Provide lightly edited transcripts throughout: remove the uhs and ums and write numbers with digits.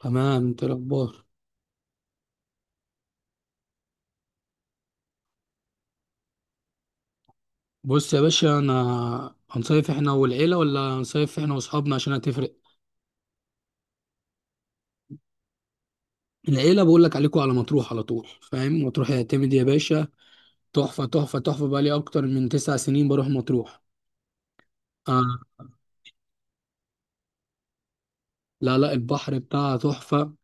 تمام، انت إيه الاخبار؟ بص يا باشا، انا هنصيف احنا والعيله ولا هنصيف احنا واصحابنا؟ عشان هتفرق. العيله، بقول لك عليكم على مطروح على طول، فاهم؟ مطروح يعتمد يا باشا. تحفه تحفه تحفه، بقى لي اكتر من تسع سنين بروح مطروح. آه. لا لا، البحر بتاعها تحفه.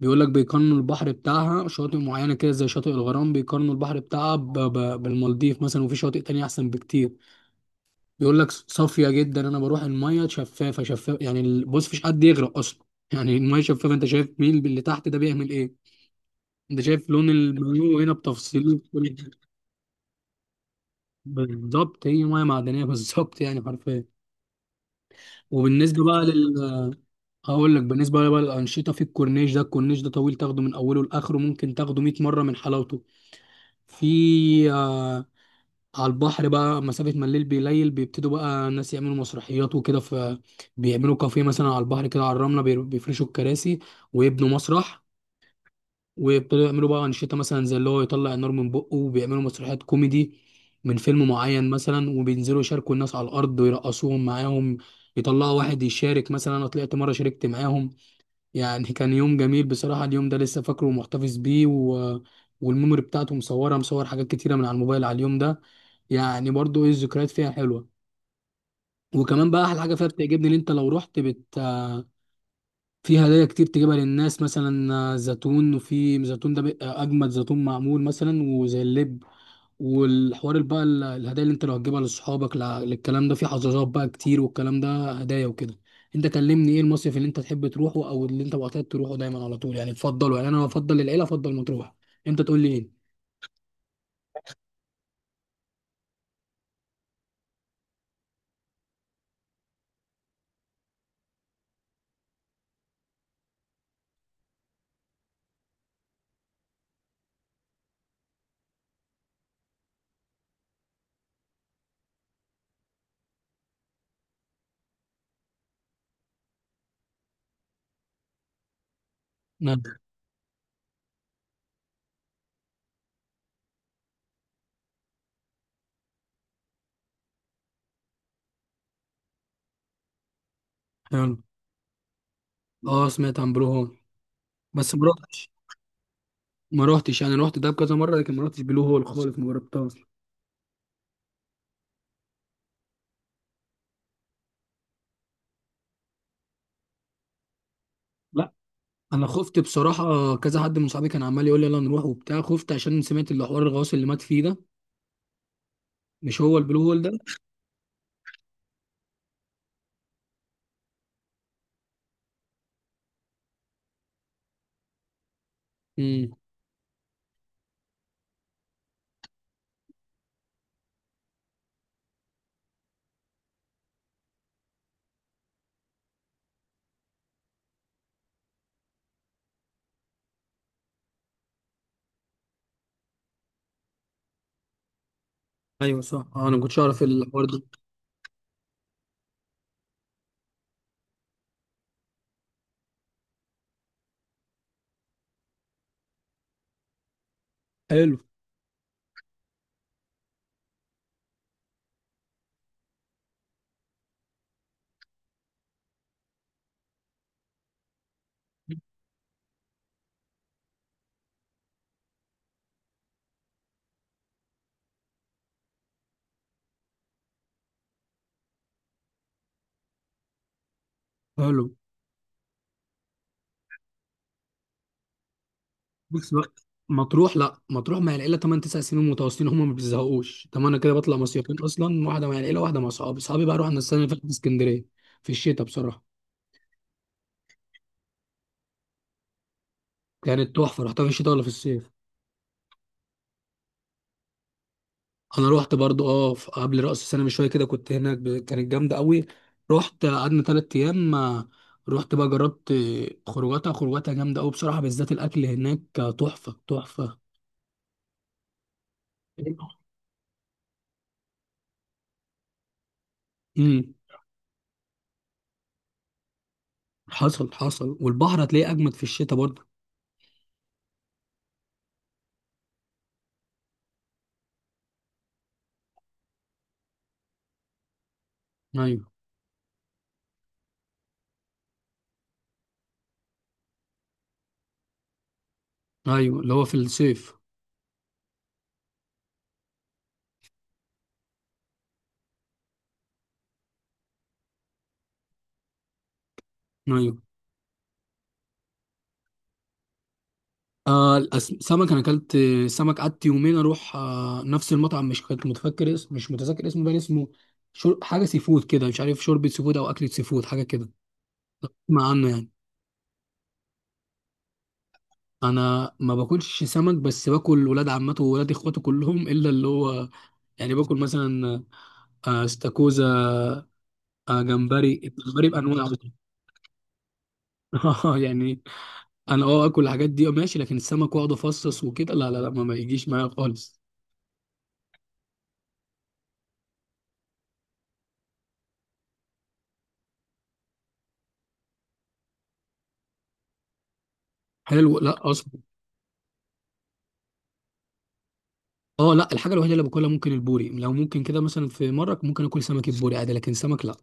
بيقول لك بيقارنوا البحر بتاعها شواطئ معينه كده زي شاطئ الغرام، بيقارنوا البحر بتاعها بالمالديف مثلا، وفي شواطئ تانية احسن بكتير. بيقول لك صافيه جدا، انا بروح الميه شفافه شفافه، يعني بص مفيش حد يغرق اصلا. يعني الميه شفافه، انت شايف مين اللي تحت ده بيعمل ايه. انت شايف لون المايو هنا بتفصيله كل حاجة. بالظبط، هي ميه معدنيه بالظبط، يعني حرفيا. وبالنسبه بقى لل هقول لك. بالنسبه بقى للانشطه، في الكورنيش ده، الكورنيش ده طويل، تاخده من اوله لاخره ممكن تاخده 100 مره من حلاوته. في على البحر بقى مسافة، ما الليل بيليل بيبتدوا بقى الناس يعملوا مسرحيات وكده، ف بيعملوا كافيه مثلا على البحر كده، على الرملة بيفرشوا الكراسي، ويبنوا مسرح، ويبتدوا يعملوا بقى أنشطة مثلا زي اللي هو يطلع النار من بقه، وبيعملوا مسرحيات كوميدي من فيلم معين مثلا، وبينزلوا يشاركوا الناس على الأرض ويرقصوهم معاهم. يطلعوا واحد يشارك، مثلا أنا طلعت مرة شاركت معاهم. يعني كان يوم جميل بصراحة، اليوم ده لسه فاكره ومحتفظ بيه والميموري بتاعته مصورة، مصور حاجات كتيرة من على الموبايل على اليوم ده. يعني برضو ايه، الذكريات فيها حلوة. وكمان بقى أحلى حاجة فيها بتعجبني، إن أنت لو رحت بت في هدايا كتير تجيبها للناس، مثلا زيتون، وفي زيتون ده بيبقى أجمد زيتون معمول، مثلا وزي اللب. والحوار بقى الهدايا اللي انت لو هتجيبها لاصحابك، للكلام ده في حظاظات بقى كتير، والكلام ده هدايا وكده. انت كلمني ايه المصيف اللي انت تحب تروحه، او اللي انت معتاد تروحه دايما على طول، يعني تفضله؟ يعني انا بفضل العيله، افضل مطروح. انت تقول لي ايه؟ نعم. حلو. اه، سمعت عن بلو هول. بس ما رحتش. ما رحتش، يعني رحت دهب كذا مره لكن ما رحتش بلو هول خالص، ما جربتهاش. لا، انا خفت بصراحه، كذا حد من صحابي كان عمال يقول لي يلا نروح وبتاع، خفت عشان سمعت اللي حوار الغواص اللي مات فيه ده، مش هو البلو هول ده؟ ايوه صح، انا ما كنتش اعرف الحوار ده. حلو حلو. بس بقى مطروح، لا مطروح مع العيله 8 9 سنين متواصلين، هم ما بيزهقوش. طب انا كده بطلع مصيفين اصلا، واحده مع العيله واحده مع اصحابي. اصحابي بقى رحنا السنه اللي فاتت اسكندريه، في الشتاء بصراحه. كانت تحفه، رحتها في الشتاء ولا في الصيف؟ انا رحت برضو، قبل راس السنه بشويه كده كنت هناك، كانت جامده قوي. رحت قعدنا ثلاث ايام، رحت بقى جربت، خروجاتها خروجاتها جامده قوي بصراحه، بالذات الاكل هناك، تحفه تحفه. امم. حصل حصل، والبحر هتلاقيه اجمد في الشتاء برضه. ايوه. ايوه اللي هو في الصيف. ايوه، سمك انا اكلت. سمك، قعدت يومين اروح نفس المطعم، مش كنت متفكر اسم، مش متذكر اسمه، بقى اسمه حاجه سي فود كده، مش عارف، شوربه سي فود او اكله سي فود حاجه كده. اسمع عنه يعني. انا ما باكلش سمك، بس باكل ولاد عمته وولاد اخواته كلهم الا اللي هو، يعني باكل مثلا استاكوزا، جمبري، الجمبري بانواعه. يعني انا اكل الحاجات دي ماشي، لكن السمك، واقعد افصص وكده لا لا لا، ما يجيش معايا خالص. حلو، لا اصلا. اه لا، الحاجه الوحيده اللي باكلها ممكن البوري، لو ممكن كده مثلا، في مره ممكن اكل سمك البوري عادي، لكن سمك لا.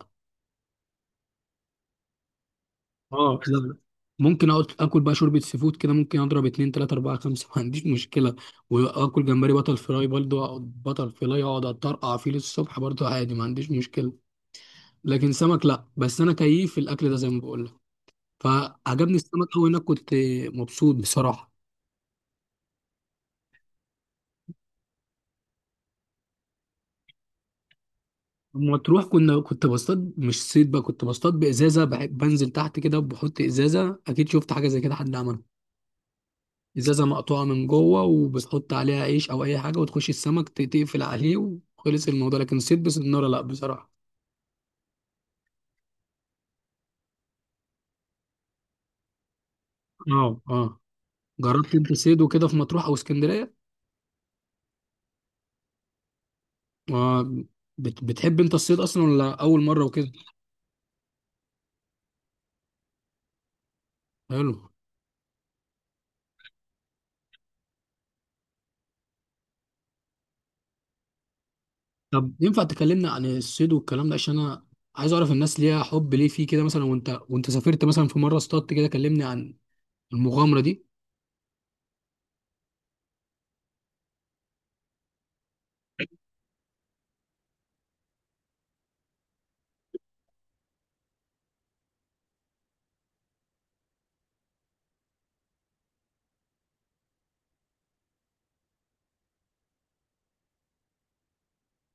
اه لا لا. ممكن اقعد اكل بقى شوربه سي فود كده، ممكن اضرب اتنين تلاته اربعه خمسه، ما عنديش مشكله. واكل جمبري بطل فراي برضه، اقعد بطل فراي اقعد اترقع فيه للصبح برضه عادي، ما عنديش مشكله. لكن سمك لا، بس انا كيف في الاكل ده زي ما بقول لك، فعجبني السمك قوي هناك، كنت مبسوط بصراحه. لما تروح كنت بصطاد، مش صيد بقى، كنت بصطاد بازازه، بحب بنزل تحت كده وبحط ازازه، اكيد شفت حاجه زي كده حد عملها. ازازه مقطوعه من جوه، وبتحط عليها عيش او اي حاجه، وتخش السمك تقفل عليه، وخلص الموضوع. لكن صيد بسناره لا بصراحه. اه اه، جربت انت صيد وكده في مطروح او اسكندريه؟ آه. بتحب انت الصيد اصلا، ولا اول مره وكده؟ حلو. طب ينفع تكلمنا عن الصيد والكلام ده، عشان انا عايز اعرف الناس ليها حب ليه فيه كده مثلا، وانت سافرت مثلا في مره اصطادت كده، كلمني عن المغامرة دي.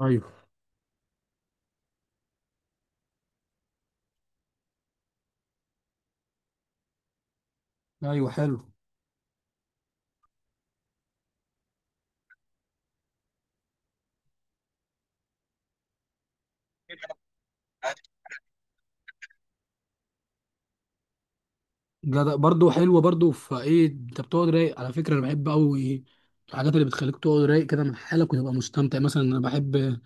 ايوه ايوه حلو. جدع برضه، حلوه برضه، فايه انت بتقعد رايق على فكره، انا بحب قوي الحاجات اللي بتخليك تقعد رايق كده من حالك، وتبقى مستمتع. مثلا انا بحب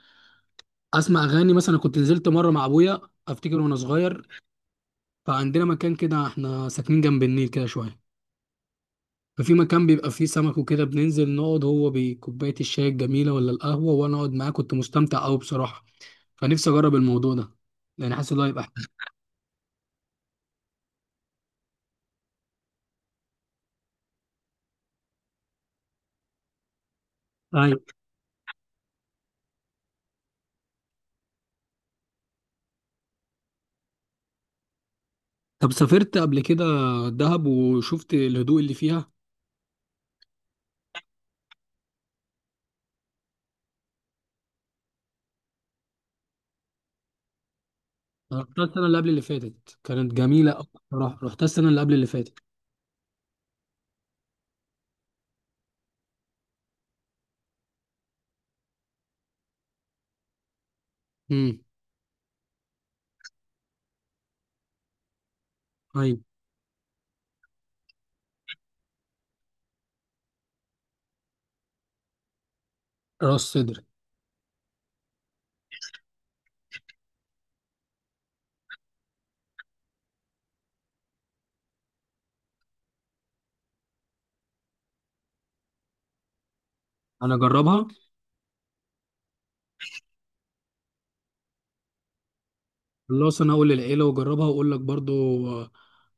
اسمع اغاني، مثلا كنت نزلت مره مع ابويا افتكر وانا صغير، فعندنا مكان كده احنا ساكنين جنب النيل كده شويه، ففي مكان بيبقى فيه سمك وكده، بننزل نقعد، هو بكوبايه الشاي الجميله ولا القهوه، وانا اقعد معاه، كنت مستمتع قوي بصراحه. فنفسي اجرب الموضوع ده، لان حاسس ان هو هيبقى حلو. أيوه. طب سافرت قبل كده دهب وشفت الهدوء اللي فيها؟ أنا رحتها السنة اللي قبل اللي فاتت كانت جميلة أوي. بصراحة رحتها السنة اللي قبل اللي فاتت. امم. أيوة. راس صدر. أنا أجربها. خلاص أنا هقول للعيلة وأجربها وأقول لك برضو، آه،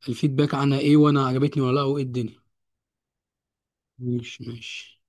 الفيدباك عنها إيه وأنا عجبتني ولا لأ وإيه الدنيا. ماشي ماشي.